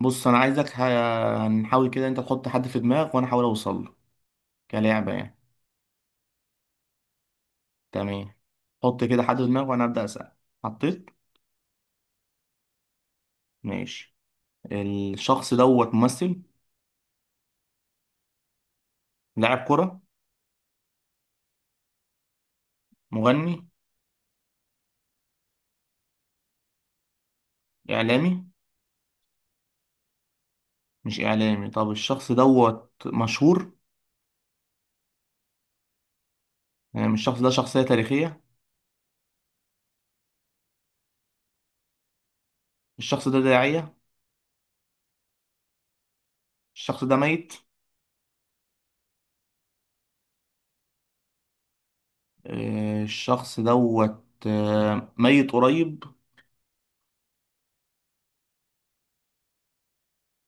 بص انا عايزك هنحاول كده انت تحط حد في دماغك وانا احاول اوصل له كلعبه يعني. تمام. حط كده حد في دماغك وانا ابدا اسال. حطيت. ماشي. الشخص دوت ممثل؟ لاعب كره؟ مغني؟ اعلامي؟ مش اعلامي. طب الشخص دوت مشهور؟ يعني مش الشخص ده شخصيه تاريخيه؟ الشخص ده داعيه؟ الشخص ده ميت؟ الشخص دوت ميت قريب؟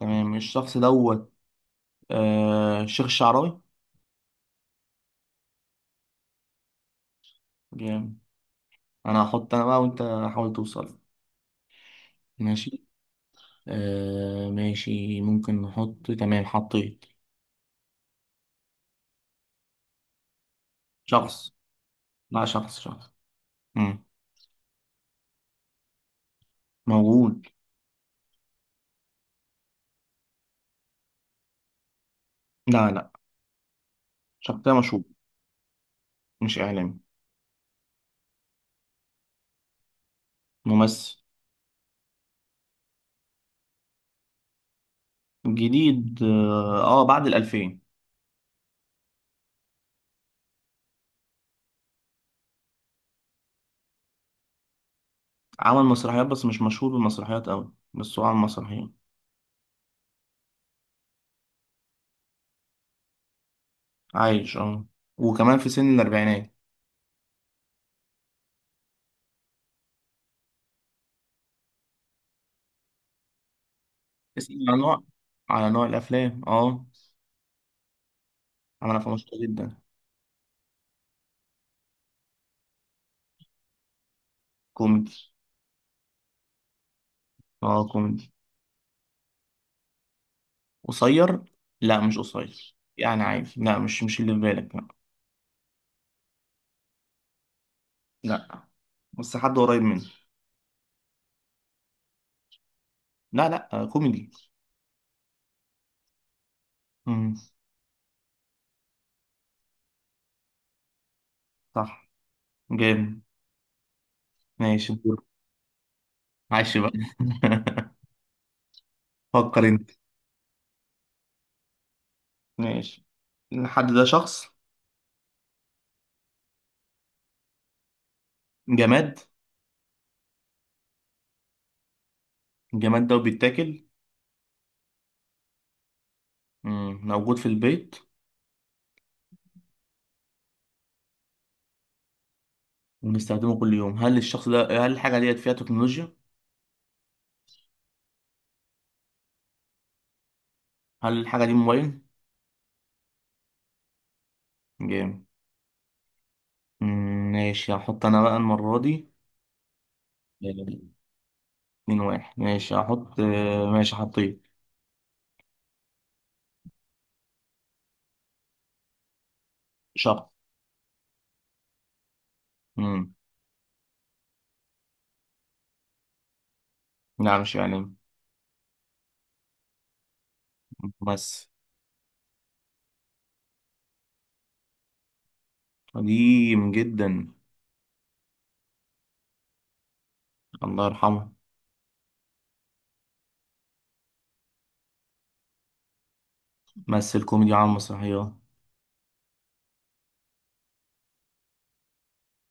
تمام. الشخص دوت شيخ الشعراوي. جامد. انا هحط انا بقى وانت حاول توصل. ماشي. ماشي. ممكن نحط. تمام. حطيت. شخص. لا، شخص، شخص. مم. موجود. لا، لا، شخصية مشهور. مش إعلامي. ممثل. جديد. اه. بعد الألفين. عمل مسرحيات بس مش مشهور بالمسرحيات أوي، بس هو عمل مسرحيات. عايش، اه. وكمان في سن الأربعينات. اسأل على نوع. على نوع الأفلام، اه. عمل أفلام مشهورة جدا. كوميدي. اه، كوميدي. قصير؟ لا، مش قصير، يعني عادي. لا، مش اللي في بالك، لا. لا، بس حد قريب مني. لا، لا، كوميدي. امم. صح. جامد. ماشي، دور. عايش بقى. فكر انت. ماشي. الحد ده شخص؟ جماد؟ الجماد ده بيتاكل؟ موجود في البيت وبنستخدمه كل يوم؟ هل الشخص ده هل الحاجة ديت فيها تكنولوجيا؟ هل الحاجة دي موبايل؟ جامد. ماشي، هحط انا بقى المرة دي. آه، اتنين واحد. ماشي، هحط. ماشي. حطيت. شخص. امم. لا، مش إعلامي. ممثل. قديم جدا. الله يرحمه. مثل كوميدي على المسرحيات.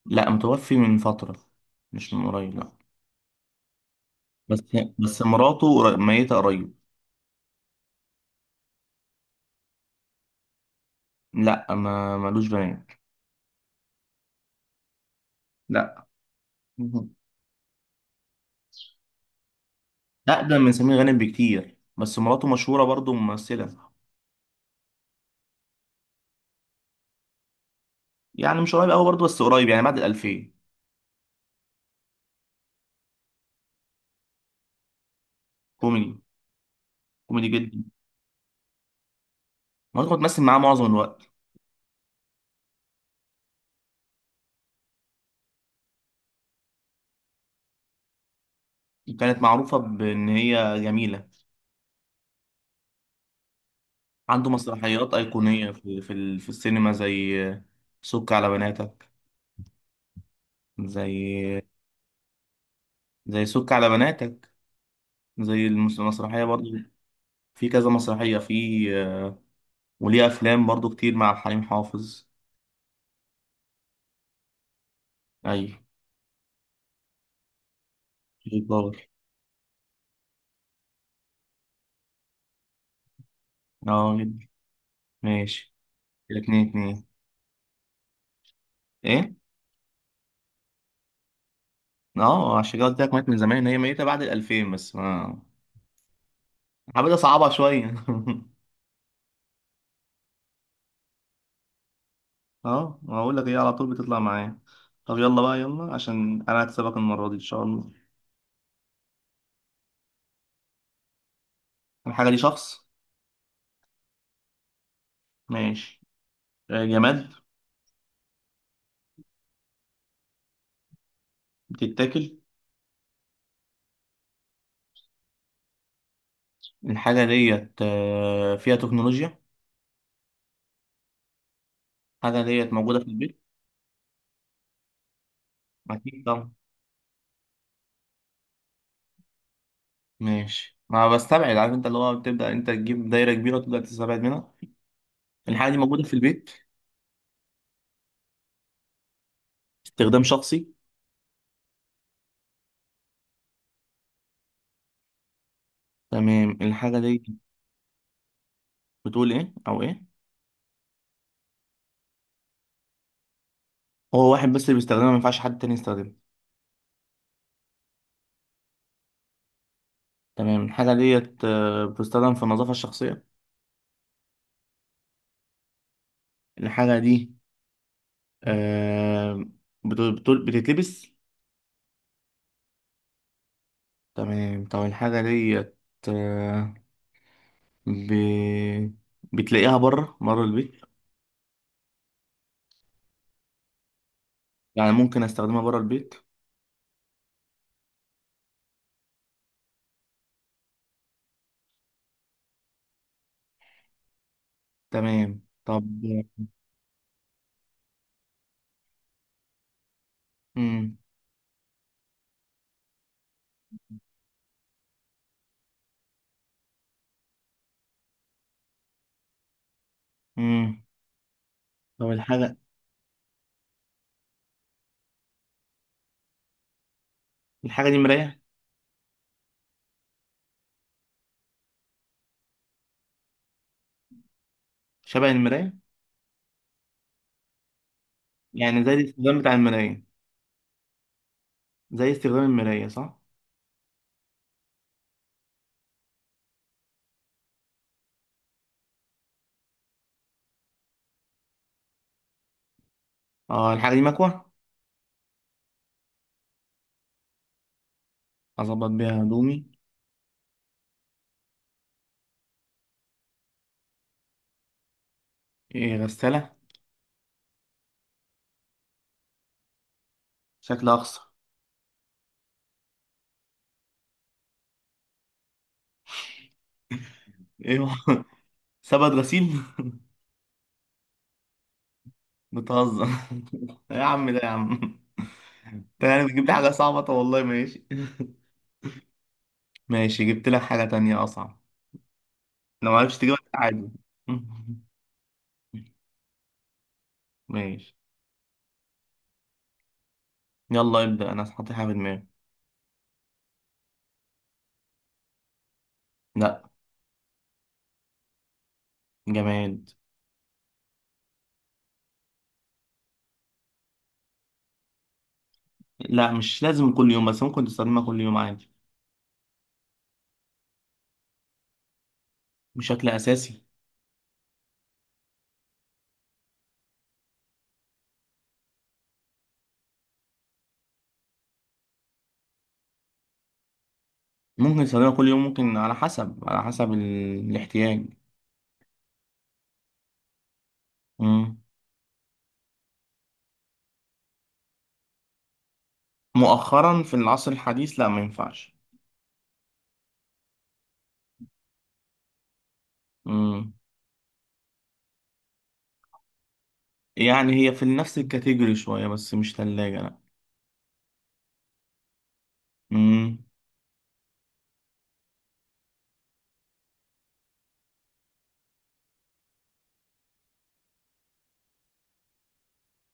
لا، متوفي من فترة. مش من قريب، لا. بس بس مراته ميتة قريب. لا، ما ملوش بنات. لا. مهم. أقدم من سمير غانم بكتير، بس مراته مشهورة برضه ممثلة. يعني مش قريب أوي برضه، بس قريب يعني بعد الألفين. كوميدي. كوميدي جدا. مراته كانت بتمثل معاه معظم الوقت. وكانت معروفة بإن هي جميلة. عنده مسرحيات أيقونية في في السينما زي سك على بناتك. زي، زي سك على بناتك. زي المسرحية برضو. في كذا مسرحية في. وليه أفلام برضو كتير مع حليم حافظ. أي. جبار. اه، جد. ماشي. كده اتنين اتنين. ايه؟ اه، عشان كده قلت لك مات من زمان. هي ميتة بعد الألفين بس ما حبيت أصعبها شوية اه، ما أقول لك هي على طول بتطلع معايا. طب يلا بقى، يلا، عشان أنا هكسبك المرة دي إن شاء الله. الحاجة دي شخص؟ ماشي. جماد؟ بتتاكل؟ الحاجة ديت فيها تكنولوجيا؟ الحاجة ديت موجودة في البيت؟ أكيد طبعا. ماشي، ما بستبعد، عارف أنت، اللي هو بتبدأ أنت تجيب دايرة كبيرة وتبدأ تستبعد منها. الحاجة دي موجودة في البيت؟ استخدام شخصي؟ تمام. الحاجة دي بتقول إيه، أو إيه؟ هو واحد بس اللي بيستخدمها، ما ينفعش حد تاني يستخدمها؟ تمام. الحاجة ديت بتستخدم في النظافة الشخصية؟ الحاجة دي آه، بتتلبس؟ تمام، طب الحاجة ديت آه، ب... بتلاقيها بره بره البيت؟ يعني ممكن استخدمها بره البيت؟ تمام، طب. امم. امم، طب الحاجة دي مراية؟ شبه المراية؟ يعني زي الاستخدام بتاع المراية؟ زي استخدام المراية، صح؟ اه، الحاجة دي مكوة؟ اظبط بيها هدومي؟ إيه، غسالة؟ شكلها اقصر. ايه هو؟ سبت غسيل؟ بتهزر. يا عم ده، يا عم. انت يعني بتجيب لي حاجة صعبة، طب والله ماشي. ماشي، جبت لك حاجة تانية اصعب. لو معرفتش تجيبها، عادي. ماشي. يلا ابدأ، انا هحط حاجة في دماغي. لا. جماد. لا، مش لازم كل يوم، بس ممكن تستخدمها كل يوم عادي. بشكل أساسي. ممكن تستخدمها كل يوم، ممكن على حسب الاحتياج. مم. مؤخرا في العصر الحديث، لا، ما ينفعش. مم. يعني هي في نفس الكاتيجوري شوية، بس مش تلاجة، لا. مم.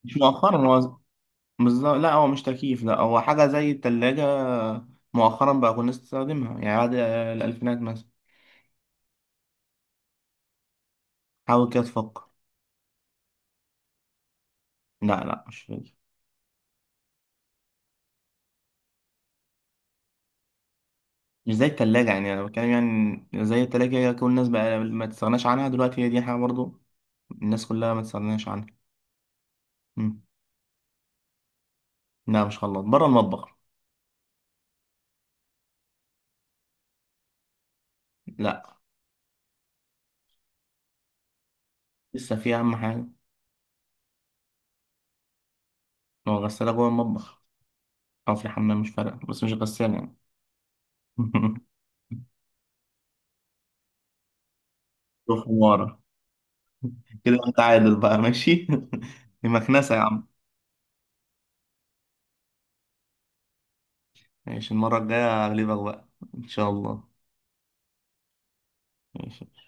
مش مؤخرا هو بالظبط. لا، هو مش تكييف، لا. هو حاجة زي التلاجة. مؤخرا بقى كنا نستخدمها يعني بعد الألفينات مثلا. حاول كده تفكر. لا، لا، مش فاكر. مش زي التلاجة، يعني أنا بتكلم يعني زي التلاجة كل الناس بقى ما تستغناش عنها دلوقتي. هي دي حاجة برضو الناس كلها ما تستغناش عنها. مم. لا، مش خلاط، بره المطبخ. لا. لسه في أهم حاجة. ما هو غسالة جوه المطبخ، أو في الحمام مش فارقة، بس مش غسالة يعني. روح ورا. كده أنت عادل بقى، ماشي. دي مكنسة يا عم. ماشي، المرة الجاية أغلبك بقى إن شاء الله. ماشي.